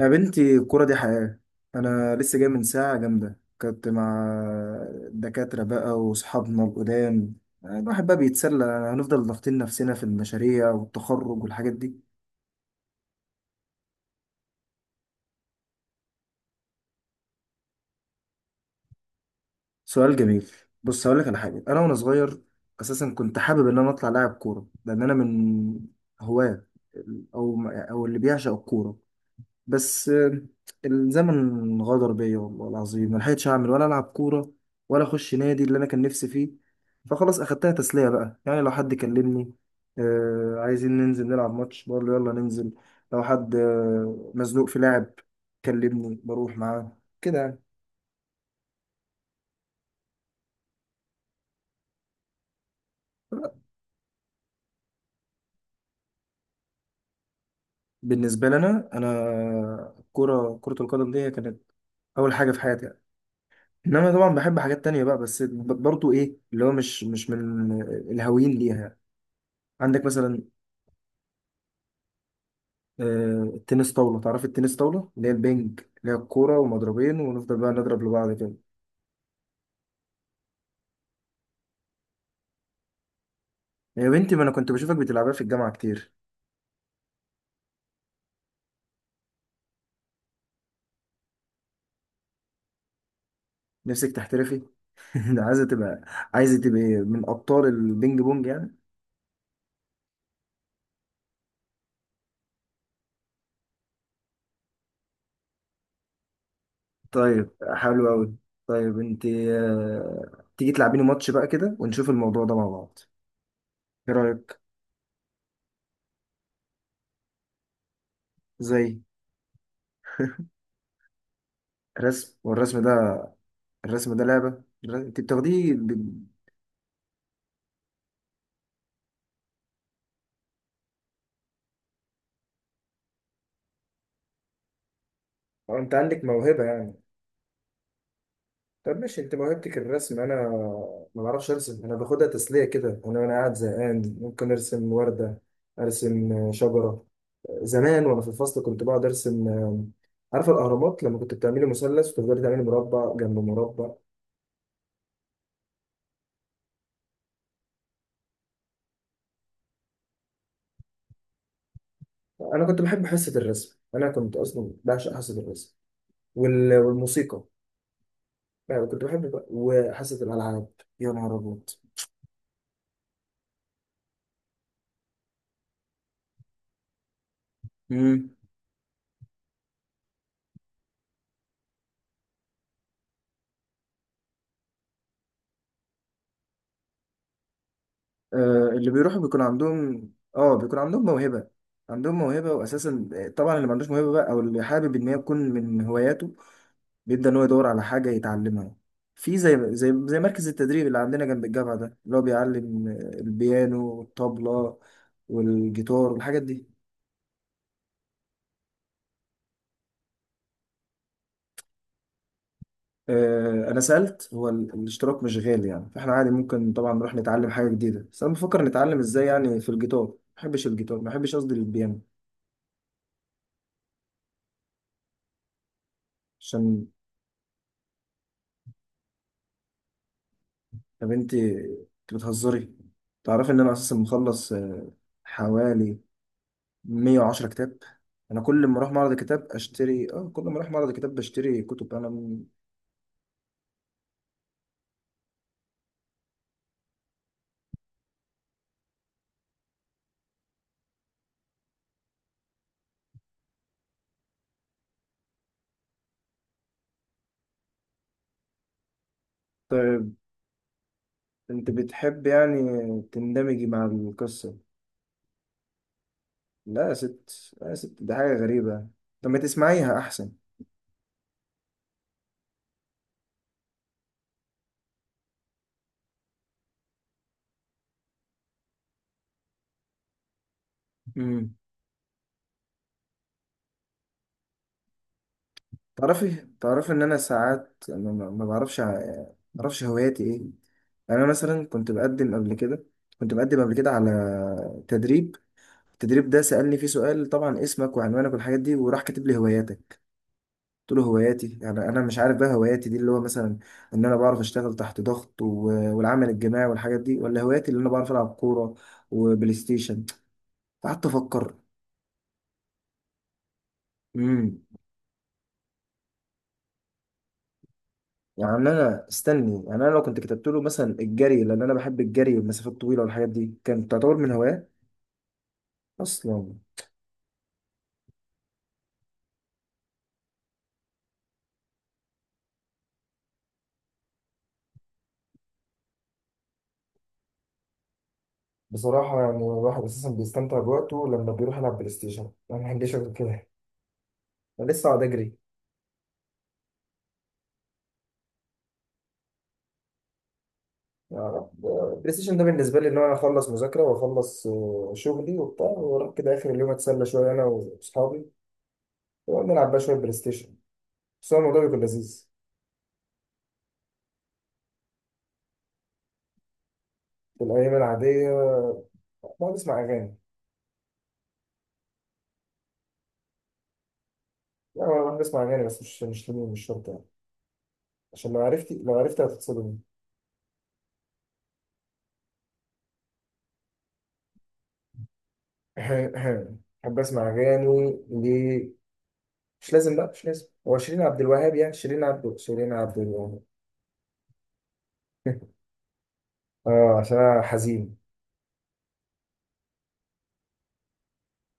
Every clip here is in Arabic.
يا بنتي الكورة دي حياة. أنا لسه جاي من ساعة جامدة، كنت مع الدكاترة بقى وأصحابنا القدام. الواحد بقى بيتسلى، هنفضل ضاغطين نفسنا في المشاريع والتخرج والحاجات دي. سؤال جميل. بص هقولك على حاجة، أنا وأنا صغير أساسا كنت حابب إن أنا أطلع لاعب كورة، لأن أنا من هواة ال- أو أو اللي بيعشق الكورة. بس الزمن غدر بيا والله العظيم، ما لحقتش اعمل ولا العب كوره ولا اخش نادي اللي انا كان نفسي فيه. فخلاص اخدتها تسليه بقى، يعني لو حد كلمني: آه عايزين ننزل نلعب ماتش، بقول له يلا ننزل. لو حد مزنوق في لعب كلمني بروح معاه كده يعني. بالنسبه لنا انا كره القدم دي هي كانت اول حاجه في حياتي يعني. انما طبعا بحب حاجات تانية بقى، بس برضو ايه اللي هو مش من الهاويين ليها يعني. عندك مثلا التنس طاولة. تعرف التنس طاولة اللي هي البنج، اللي هي الكورة ومضربين ونفضل بقى نضرب لبعض كده. يا بنتي ما أنا كنت بشوفك بتلعبها في الجامعة كتير. نفسك تحترفي؟ ده عايزة تبقى من أبطال البينج بونج يعني. طيب، حلو أوي. طيب أنت تيجي تلعبيني ماتش بقى كده ونشوف الموضوع ده مع بعض، إيه رأيك؟ زي؟ رسم، والرسم ده. الرسم ده لعبة أنت بتاخديه أنت عندك موهبة يعني. طب ماشي، انت موهبتك الرسم، انا ما بعرفش ارسم. انا باخدها تسليه كده، انا وانا قاعد زهقان ممكن ارسم ورده، ارسم شجره. زمان وانا في الفصل كنت بقعد ارسم. عارفه الاهرامات، لما كنت بتعملي مثلث وتفضلي تعملي مربع جنب مربع. انا كنت بحب حصه الرسم، انا كنت اصلا بعشق حصه الرسم والموسيقى. يعني كنت بحب وحصه الالعاب. يا نهار ابيض! مم. اللي بيروحوا بيكون عندهم. اه بيكون عندهم موهبة. عندهم موهبة واساسا، طبعا اللي ما عندوش موهبة بقى او اللي حابب ان هي تكون من هواياته بيبدأ ان هو يدور على حاجة يتعلمها. في زي مركز التدريب اللي عندنا جنب الجامعة ده، اللي هو بيعلم البيانو والطبلة والجيتار والحاجات دي. انا سألت، هو الاشتراك مش غالي يعني، فاحنا عادي ممكن طبعا نروح نتعلم حاجة جديدة، بس انا بفكر نتعلم ازاي يعني. في الجيتار ما بحبش، الجيتار ما بحبش، قصدي البيانو. عشان طب انت بتهزري؟ تعرفي ان انا اساسا مخلص حوالي 110 كتاب. انا كل ما اروح معرض الكتاب اشتري، كل ما اروح معرض الكتاب بشتري كتب. انا طيب انت بتحب يعني تندمجي مع القصة؟ لا يا ست، لا يا ست، دي حاجة غريبة. طب ما تسمعيها احسن. امم تعرفي ان انا ساعات انا ما بعرفش هواياتي ايه. يعني انا مثلا كنت بقدم قبل كده على تدريب. التدريب ده سألني فيه سؤال، طبعا اسمك وعنوانك والحاجات دي، وراح كاتب لي هواياتك. قلت له هواياتي، يعني انا مش عارف بقى هواياتي دي اللي هو مثلا ان انا بعرف اشتغل تحت ضغط والعمل الجماعي والحاجات دي، ولا هواياتي اللي انا بعرف العب كورة وبلاي ستيشن. فقعدت افكر. امم يعني انا استني، يعني انا لو كنت كتبت له مثلا الجري، لان انا بحب الجري والمسافات الطويلة والحاجات دي، كانت تعتبر من هوايات اصلا. بصراحة يعني الواحد أساسا بيستمتع بوقته لما بيروح يلعب بلاي ستيشن. أنا ما عنديش غير كده، أنا لسه قاعد أجري. يعني بلاي ستيشن ده بالنسبة لي إن أنا أخلص مذاكرة وأخلص شغلي وبتاع، وأروح كده آخر اليوم أتسلى شوية أنا وأصحابي، ونلعب بقى شوية بلاي ستيشن. بس هو الموضوع بيكون لذيذ. في الأيام العادية بقعد أسمع أغاني. لا، أنا بقعد أسمع أغاني بس، مش مش لازم- مش شرط يعني. عشان لو عرفتي هتتصدمي. بحب أسمع أغاني ليه؟ مش لازم بقى، مش لازم هو شيرين عبد الوهاب، يعني شيرين عبد الوهاب. اه، عشان انا حزين.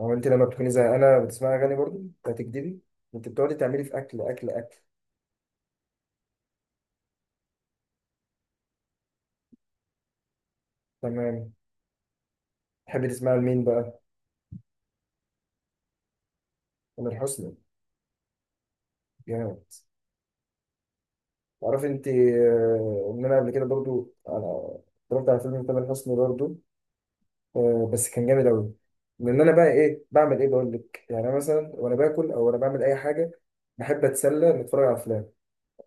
هو انت لما بتكوني زي انا بتسمعي اغاني برضه، هتكدبي. انت بتقعدي تعملي في اكل اكل اكل. تمام، تحبي تسمعي لمين بقى؟ تامر حسني؟ جامد. تعرفي انت ان انا قبل كده برضه، انا اتفرجت على فيلم تامر حسني برضه، بس كان جامد قوي. لان انا بقى ايه بعمل ايه بقول لك، يعني انا مثلا وانا باكل او وانا بعمل اي حاجه، بحب اتسلى نتفرج على افلام.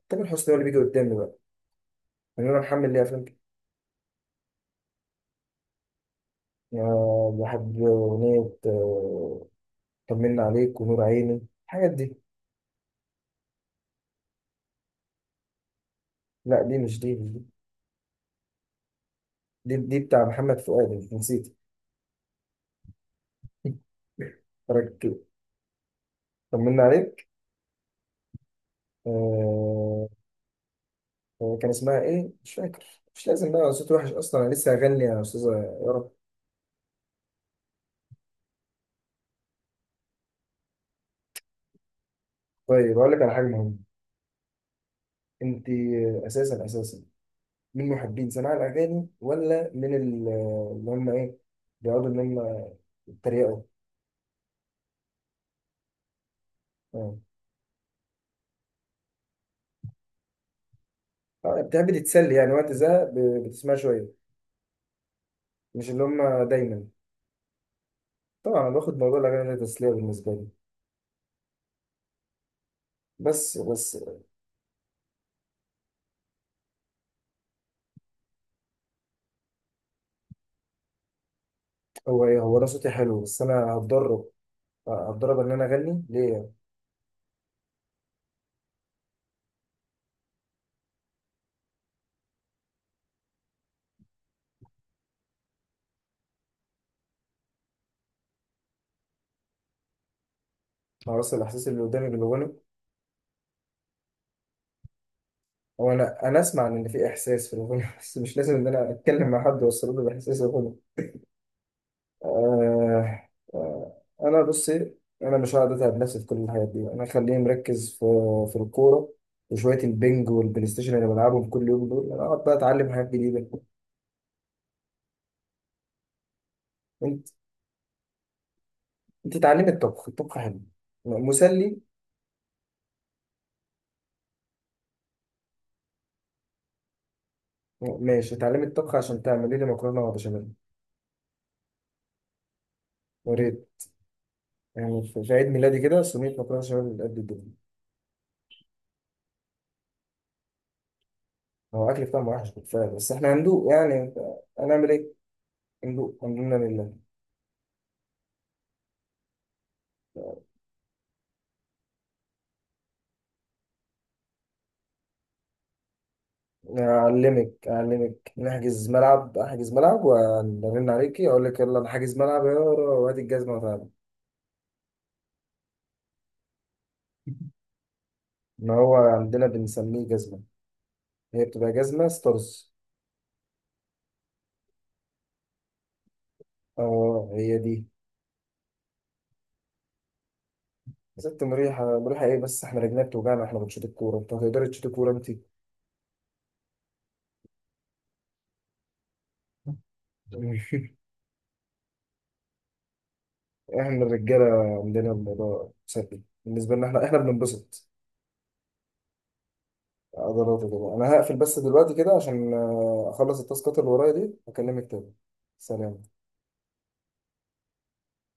تامر حسني هو اللي بيجي قدامي بقى، ان انا محمل ليه افلام كتير. يعني بحب اغنيه طمنا عليك ونور عيني الحاجات دي. لا، دي مش دي بتاع محمد فؤاد، انت نسيت؟ ركز. طمنا عليك آه... كان اسمها ايه، مش فاكر. مش لازم بقى، صوت وحش اصلا انا لسه هغني يا استاذه، يا رب. طيب اقول لك على حاجه مهمه. انت اساسا من محبين سماع الاغاني ولا من اللي هم ايه، بيقعدوا ان هم يتريقوا؟ اه. بتحبي تتسلي يعني وقت زهق، بتسمعي شويه، مش اللي هم دايما. طبعا انا باخد موضوع الاغاني ده تسليه بالنسبه لي. بس هو ايه، هو رصتي حلو بس انا هتدرب ان انا اغني ليه؟ مع راس الاحساس اللي قدامي بالاغنى. هو انا اسمع ان في احساس في الاغنى بس مش لازم ان انا اتكلم مع حد واوصل له باحساس الاغنى. آه انا بصي، انا مش هقعد اتعب نفسي في كل الحاجات دي، انا خليني مركز في الكوره وشويه البنج والبلاي ستيشن اللي بلعبهم كل يوم دول، انا اقعد بقى اتعلم حاجات جديده. انت انت اتعلمي الطبخ، الطبخ حلو، مسلي. ماشي اتعلمي الطبخ عشان تعملي لي مكرونه وبشاميل. وريني يعني في عيد ميلادي كده صينية مكرونة بشاميل قد الدنيا. هو أكل بتاعهم وحش بالفعل، بس إحنا هندوق يعني، هنعمل إيه؟ هندوق الحمد لله. أعلمك نحجز ملعب، أحجز ملعب وأرن عليكي أقول لك يلا أنا حاجز ملعب يا ورا، وادي الجزمة وتعالى. إن هو عندنا بنسميه جزمة، هي بتبقى جزمة ستارز. أه هي دي. يا ست مريحة مريحة إيه، بس إحنا رجلنا بتوجعنا، إحنا بنشوط الكورة، أنت هتقدري تشوطي كورة أنت؟ احنا الرجاله عندنا الموضوع سلبي بالنسبه لنا، احنا بننبسط، عضلات وكده. انا هقفل بس دلوقتي كده عشان اخلص التاسكات اللي ورايا دي، اكلمك تاني. سلام.